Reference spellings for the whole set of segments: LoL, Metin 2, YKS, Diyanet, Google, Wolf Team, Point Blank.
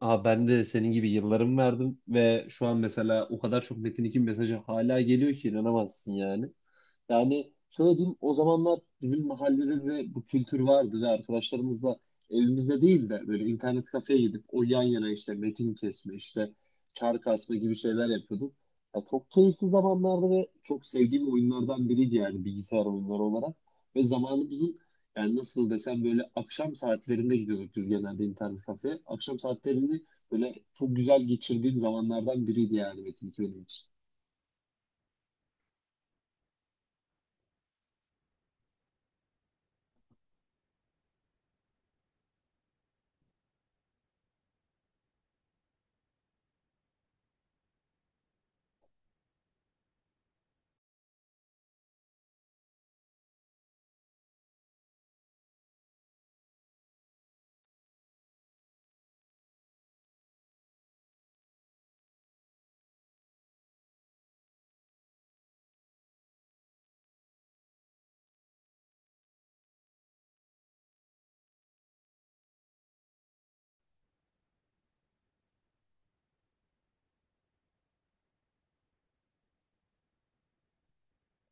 Aha ben de senin gibi yıllarımı verdim ve şu an mesela o kadar çok Metin 2 mesajı hala geliyor ki inanamazsın yani. Yani şöyle diyeyim, o zamanlar bizim mahallede de bu kültür vardı ve arkadaşlarımızla evimizde değil de böyle internet kafeye gidip o yan yana işte metin kesme işte çark asma gibi şeyler yapıyorduk. Ya çok keyifli zamanlardı ve çok sevdiğim oyunlardan biriydi yani bilgisayar oyunları olarak. Ve zamanımızın yani nasıl desem böyle akşam saatlerinde gidiyorduk biz genelde internet kafeye. Akşam saatlerini böyle çok güzel geçirdiğim zamanlardan biriydi yani Metin 2 benim için.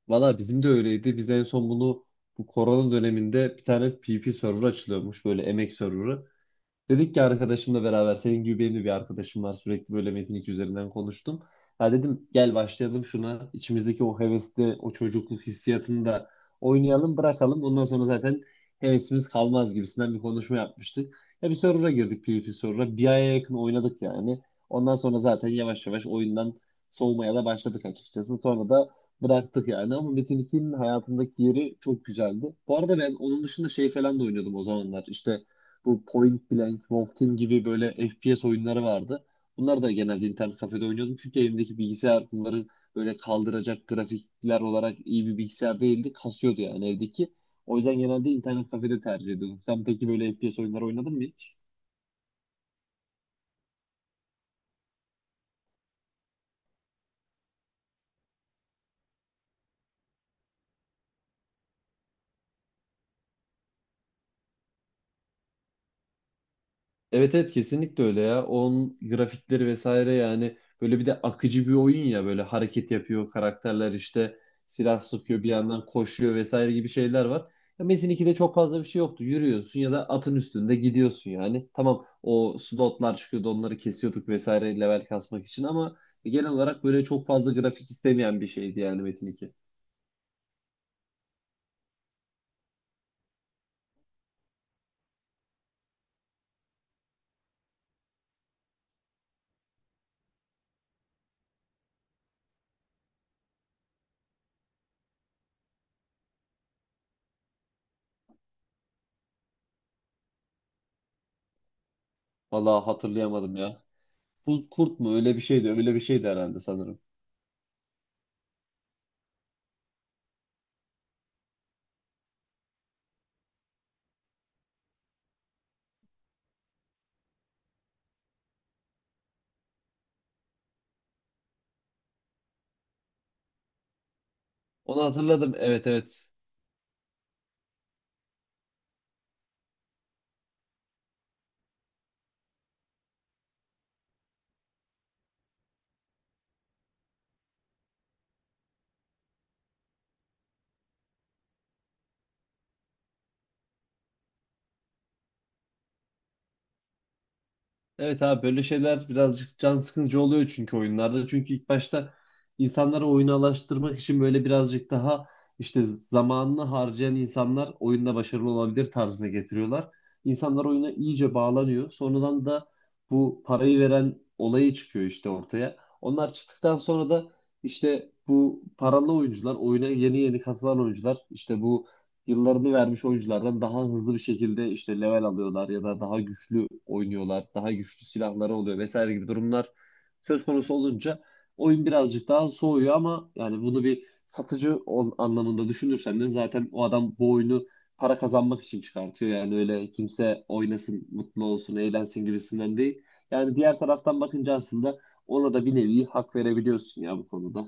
Valla bizim de öyleydi. Biz en son bunu bu korona döneminde bir tane P P server açılıyormuş böyle emek serverı. Dedik ki arkadaşımla beraber, senin gibi benim de bir arkadaşım var sürekli böyle Metin 2 üzerinden konuştum. Ha dedim gel başlayalım şuna, içimizdeki o hevesli o çocukluk hissiyatını da oynayalım bırakalım. Ondan sonra zaten hevesimiz kalmaz gibisinden bir konuşma yapmıştık. Ya bir server'a girdik, PvP server'a bir aya yakın oynadık yani. Ondan sonra zaten yavaş yavaş oyundan soğumaya da başladık açıkçası. Sonra da bıraktık yani ama Metin 2'nin hayatımdaki yeri çok güzeldi. Bu arada ben onun dışında şey falan da oynuyordum o zamanlar, işte bu Point Blank, Wolf Team gibi böyle FPS oyunları vardı. Bunlar da genelde internet kafede oynuyordum. Çünkü elimdeki bilgisayar bunları böyle kaldıracak grafikler olarak iyi bir bilgisayar değildi. Kasıyordu yani evdeki. O yüzden genelde internet kafede tercih ediyordum. Sen peki böyle FPS oyunları oynadın mı hiç? Evet, evet, kesinlikle öyle ya. Onun grafikleri vesaire yani böyle bir de akıcı bir oyun, ya böyle hareket yapıyor karakterler, işte silah sıkıyor bir yandan koşuyor vesaire gibi şeyler var. Ya Metin 2'de çok fazla bir şey yoktu. Yürüyorsun ya da atın üstünde gidiyorsun yani. Tamam, o slotlar çıkıyordu, onları kesiyorduk vesaire, level kasmak için, ama genel olarak böyle çok fazla grafik istemeyen bir şeydi yani Metin 2. Vallahi hatırlayamadım ya. Buz kurt mu, öyle bir şeydi, öyle bir şeydi herhalde sanırım. Onu hatırladım, evet, evet. Evet abi, böyle şeyler birazcık can sıkıcı oluyor çünkü oyunlarda. Çünkü ilk başta insanları oyuna alıştırmak için böyle birazcık daha işte zamanını harcayan insanlar oyunda başarılı olabilir tarzına getiriyorlar. İnsanlar oyuna iyice bağlanıyor. Sonradan da bu parayı veren olayı çıkıyor işte ortaya. Onlar çıktıktan sonra da işte bu paralı oyuncular, oyuna yeni yeni katılan oyuncular işte bu yıllarını vermiş oyunculardan daha hızlı bir şekilde işte level alıyorlar ya da daha güçlü oynuyorlar, daha güçlü silahları oluyor vesaire gibi durumlar söz konusu olunca oyun birazcık daha soğuyor, ama yani bunu bir satıcı anlamında düşünürsen de zaten o adam bu oyunu para kazanmak için çıkartıyor. Yani öyle kimse oynasın, mutlu olsun, eğlensin gibisinden değil. Yani diğer taraftan bakınca aslında ona da bir nevi hak verebiliyorsun ya bu konuda.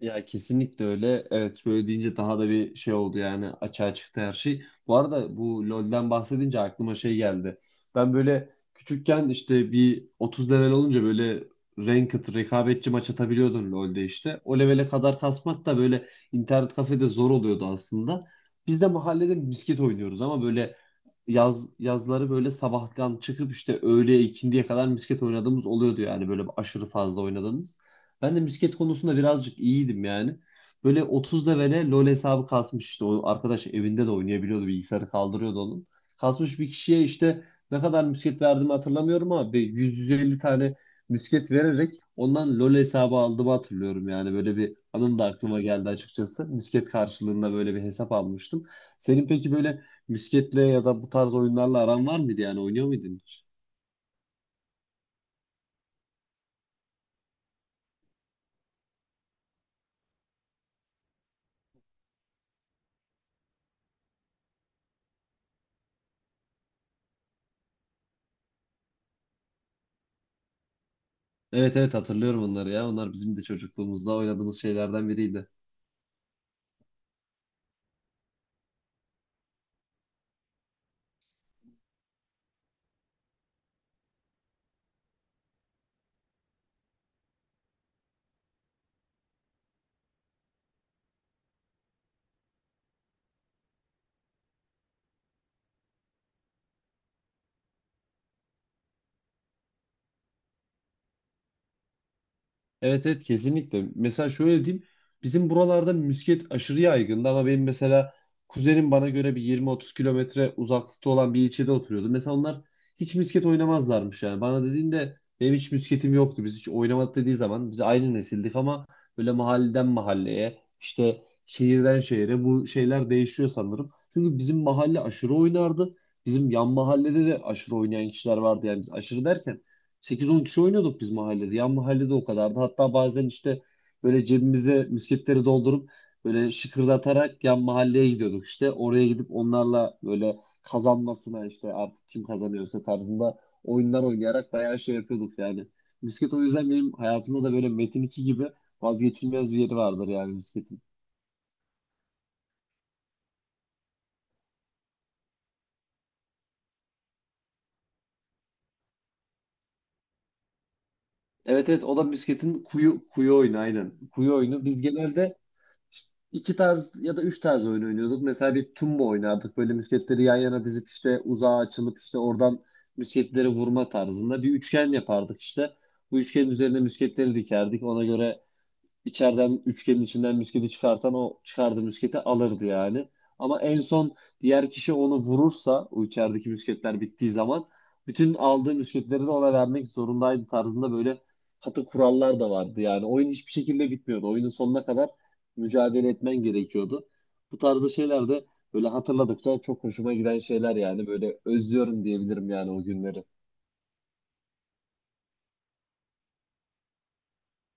Ya kesinlikle öyle. Evet böyle deyince daha da bir şey oldu yani, açığa çıktı her şey. Bu arada bu LoL'den bahsedince aklıma şey geldi. Ben böyle küçükken işte bir 30 level olunca böyle ranked rekabetçi maç atabiliyordun LoL'de işte. O levele kadar kasmak da böyle internet kafede zor oluyordu aslında. Biz de mahallede misket oynuyoruz ama böyle yazları böyle sabahtan çıkıp işte öğleye ikindiye kadar misket oynadığımız oluyordu yani, böyle aşırı fazla oynadığımız. Ben de misket konusunda birazcık iyiydim yani. Böyle 30 levele LoL hesabı kasmış işte. O arkadaş evinde de oynayabiliyordu. Bilgisayarı kaldırıyordu onun. Kasmış bir kişiye işte ne kadar misket verdiğimi hatırlamıyorum ama bir 100-150 tane misket vererek ondan LoL hesabı aldığımı hatırlıyorum. Yani böyle bir anım da aklıma geldi açıkçası. Misket karşılığında böyle bir hesap almıştım. Senin peki böyle misketle ya da bu tarz oyunlarla aran var mıydı, yani oynuyor muydun hiç? Evet, evet, hatırlıyorum onları ya. Onlar bizim de çocukluğumuzda oynadığımız şeylerden biriydi. Evet, evet, kesinlikle. Mesela şöyle diyeyim. Bizim buralarda misket aşırı yaygındı ama benim mesela kuzenim bana göre bir 20-30 kilometre uzaklıkta olan bir ilçede oturuyordu. Mesela onlar hiç misket oynamazlarmış yani. Bana dediğinde benim hiç misketim yoktu. Biz hiç oynamadık dediği zaman biz aynı nesildik ama böyle mahalleden mahalleye işte şehirden şehire bu şeyler değişiyor sanırım. Çünkü bizim mahalle aşırı oynardı. Bizim yan mahallede de aşırı oynayan kişiler vardı, yani biz aşırı derken 8-10 kişi oynuyorduk biz mahallede. Yan mahallede o kadardı. Hatta bazen işte böyle cebimize misketleri doldurup böyle şıkırdatarak yan mahalleye gidiyorduk işte. Oraya gidip onlarla böyle kazanmasına işte artık kim kazanıyorsa tarzında oyunlar oynayarak bayağı şey yapıyorduk yani. Misket o yüzden benim hayatımda da böyle Metin 2 gibi vazgeçilmez bir yeri vardır yani misketin. Evet, evet, o da misketin kuyu kuyu oyunu aynen. Kuyu oyunu. Biz genelde işte iki tarz ya da üç tarz oyun oynuyorduk. Mesela bir tumba oynardık. Böyle musketleri yan yana dizip işte uzağa açılıp işte oradan musketleri vurma tarzında, bir üçgen yapardık işte. Bu üçgenin üzerine musketleri dikerdik. Ona göre içeriden üçgenin içinden müsketi çıkartan o çıkardığı müsketi alırdı yani. Ama en son diğer kişi onu vurursa o içerideki müsketler bittiği zaman bütün aldığı müsketleri de ona vermek zorundaydı tarzında böyle katı kurallar da vardı. Yani oyun hiçbir şekilde bitmiyordu. Oyunun sonuna kadar mücadele etmen gerekiyordu. Bu tarzda şeyler de böyle hatırladıkça çok hoşuma giden şeyler, yani böyle özlüyorum diyebilirim yani o günleri.